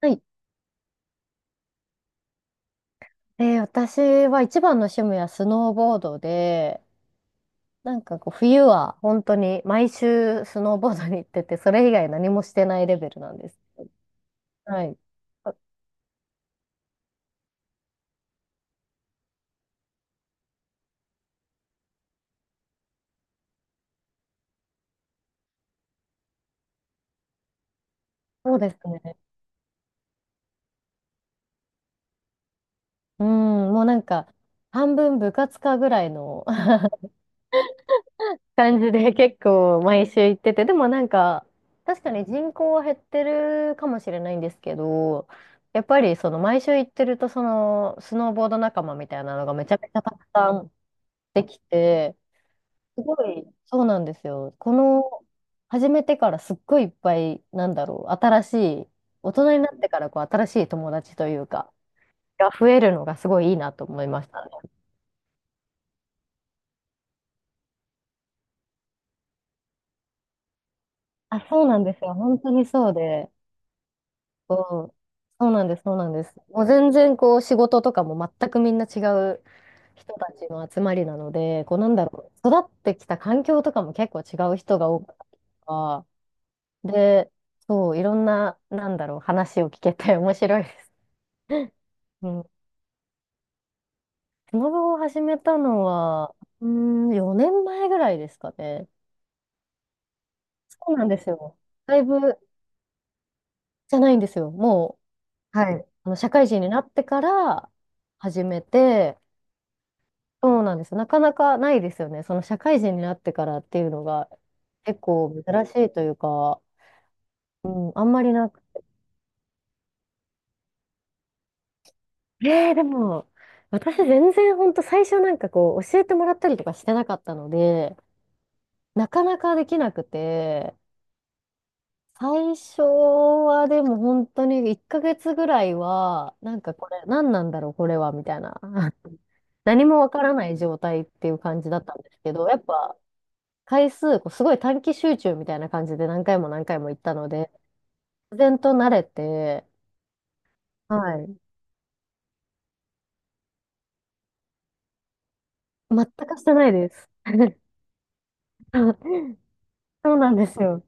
はい。私は一番の趣味はスノーボードで、なんかこう冬は本当に毎週スノーボードに行ってて、それ以外何もしてないレベルなんです。はい。あ、そうですね。うん、もうなんか半分部活かぐらいの 感じで結構毎週行ってて、でもなんか確かに人口は減ってるかもしれないんですけど、やっぱりその毎週行ってるとそのスノーボード仲間みたいなのがめちゃめちゃたくさんできて、すごい、そうなんですよ。この、始めてからすっごいいっぱい、なんだろう、新しい、大人になってからこう新しい友達というか、が増えるのがすごいいいなと思いましたね。あ、そうなんですよ。本当にそうで、こう、そうなんです、そうなんです。もう全然こう仕事とかも全くみんな違う人たちの集まりなので、こうなんだろう、育ってきた環境とかも結構違う人が多くて、で、そう、いろんな、なんだろう、話を聞けて面白いです。うん。スノボを始めたのは、4年前ぐらいですかね。そうなんですよ。だいぶじゃないんですよ。もう、はい。社会人になってから始めて、そうなんです。なかなかないですよね。その社会人になってからっていうのが結構珍しいというか、うん、あんまりなく。でも、私全然ほんと最初なんかこう教えてもらったりとかしてなかったので、なかなかできなくて、最初はでも本当に1ヶ月ぐらいは、なんかこれ、何なんだろう、これは、みたいな。何もわからない状態っていう感じだったんですけど、やっぱ回数、こうすごい短期集中みたいな感じで何回も何回も行ったので、自然と慣れて、はい。全くしてないです。そうなんですよ。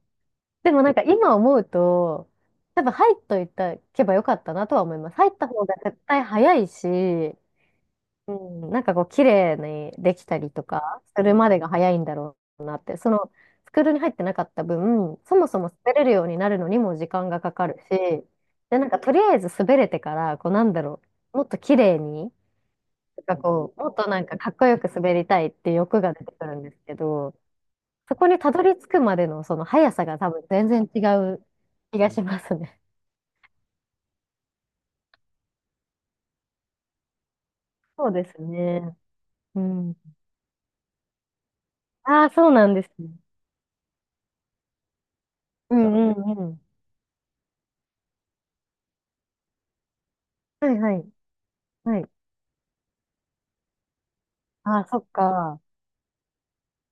でもなんか今思うと、多分入っといたけばよかったなとは思います。入った方が絶対早いし、うん、なんかこう綺麗にできたりとかするまでが早いんだろうなって、そのスクールに入ってなかった分、そもそも滑れるようになるのにも時間がかかるし、で、なんかとりあえず滑れてから、こうなんだろう、もっと綺麗に、なんかこう、もっとなんかかっこよく滑りたいっていう欲が出てくるんですけど、そこにたどり着くまでのその速さが多分全然違う気がしますね。そうですね。うん。ああ、そうなんですね。うんうんうん。はいはい。はい。あ、そっか。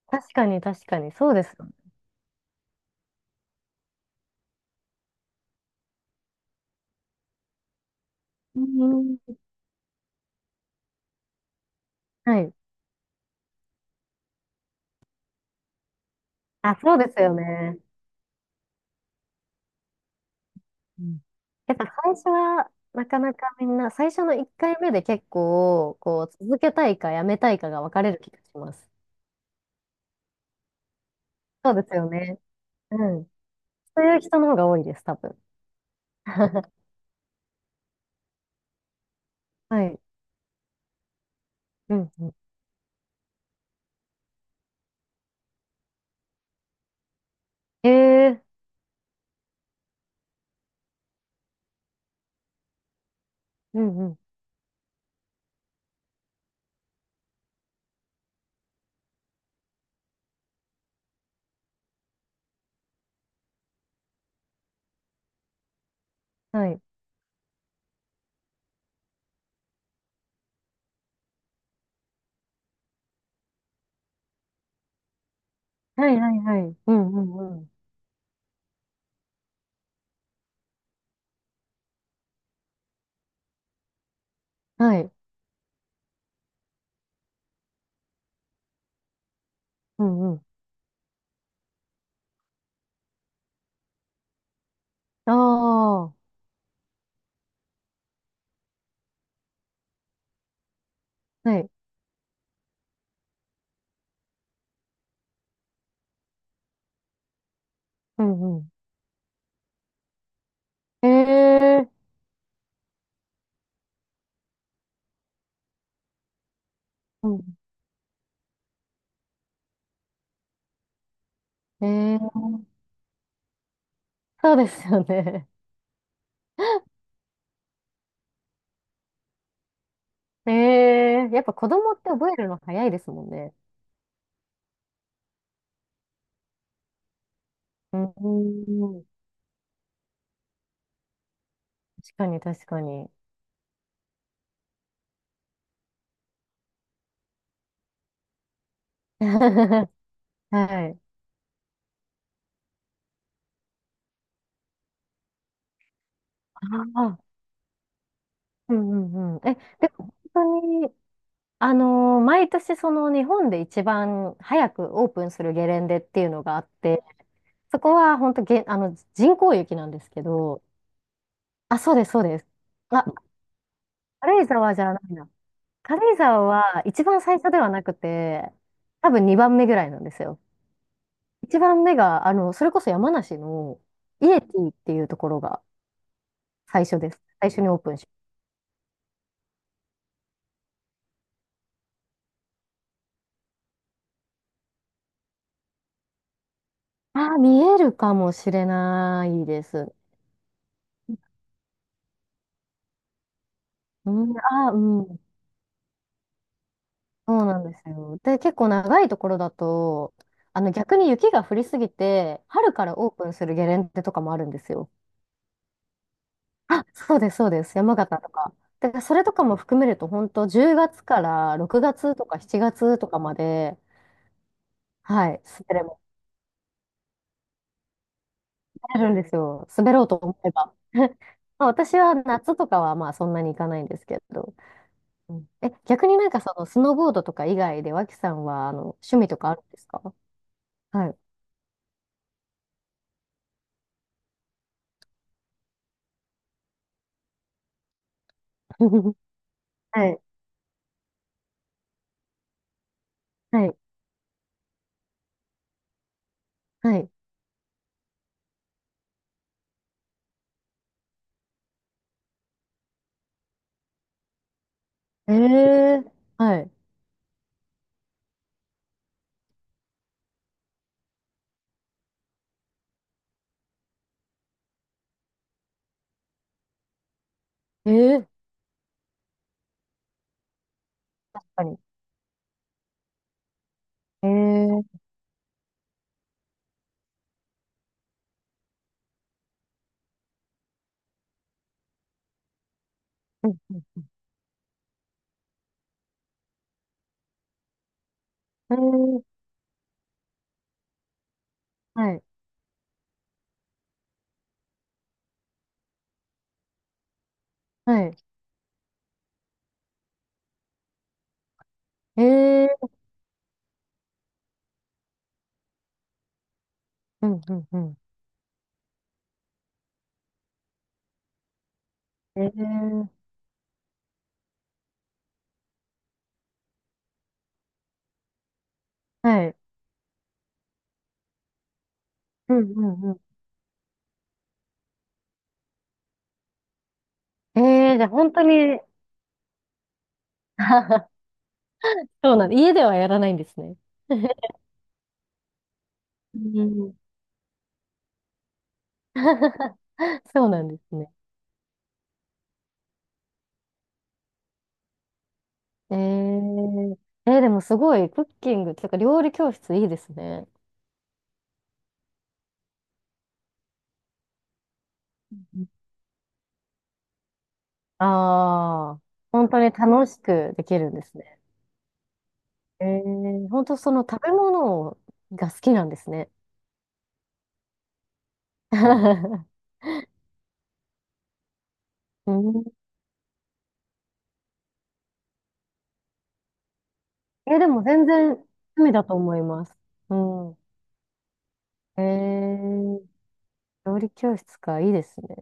確かに、確かに。そうですよね。うんうん。はい。あ、そうですよね。うん。やっぱ最初は、なかなかみんな、最初の1回目で結構、こう、続けたいかやめたいかが分かれる気がします。そうですよね。うん。そういう人の方が多いです、多分。はい。うん、うん。ええ、うんうん。はい。はいはいはい。うんうんうん。はい。うんうん。ああ。はい。うんうん。ええ、うん。ええ そうですよね。ええ、やっぱ子供って覚えるの早いですもんね。うん。確かに、確かに。はい。ああ、うんうんうん。え、でも本当に、毎年その日本で一番早くオープンするゲレンデっていうのがあって、そこは本当げ、あの、人工雪なんですけど、あ、そうです、そうです。あ、軽井沢じゃないな。軽井沢は一番最初ではなくて、多分2番目ぐらいなんですよ。一番目が、それこそ山梨のイエティっていうところが最初です。最初にオープンし。ああー、見えるかもしれないです。うん、ああ、うん。そうなんですよ。で、結構長いところだと、逆に雪が降りすぎて、春からオープンするゲレンデとかもあるんですよ。あ、そうです、そうです。山形とか。だからそれとかも含めると、本当10月から6月とか7月とかまで、はい、滑れあるんですよ。滑ろうと思えば。まあ私は夏とかはまあそんなに行かないんですけど。うん。え、逆になんかそのスノーボードとか以外で脇さんは趣味とかあるんですか？はい。はい。はい。はい。ええー、はい。ええー、確かに。ええー、うん、えー、はい。はい。ええー、うんうんうん。ええー、はい。うんうんうん。ええー、じゃあ本当に そうなんだ。家ではやらないんですね。うん そうなんですね。えー、でもすごい、クッキングとか料理教室いいですね。ああー、本当に楽しくできるんですね。えー、本当その食べ物が好きなんですね。うん。えー、でも全然趣味だと思います。うん。えー、料理教室か、いいですね。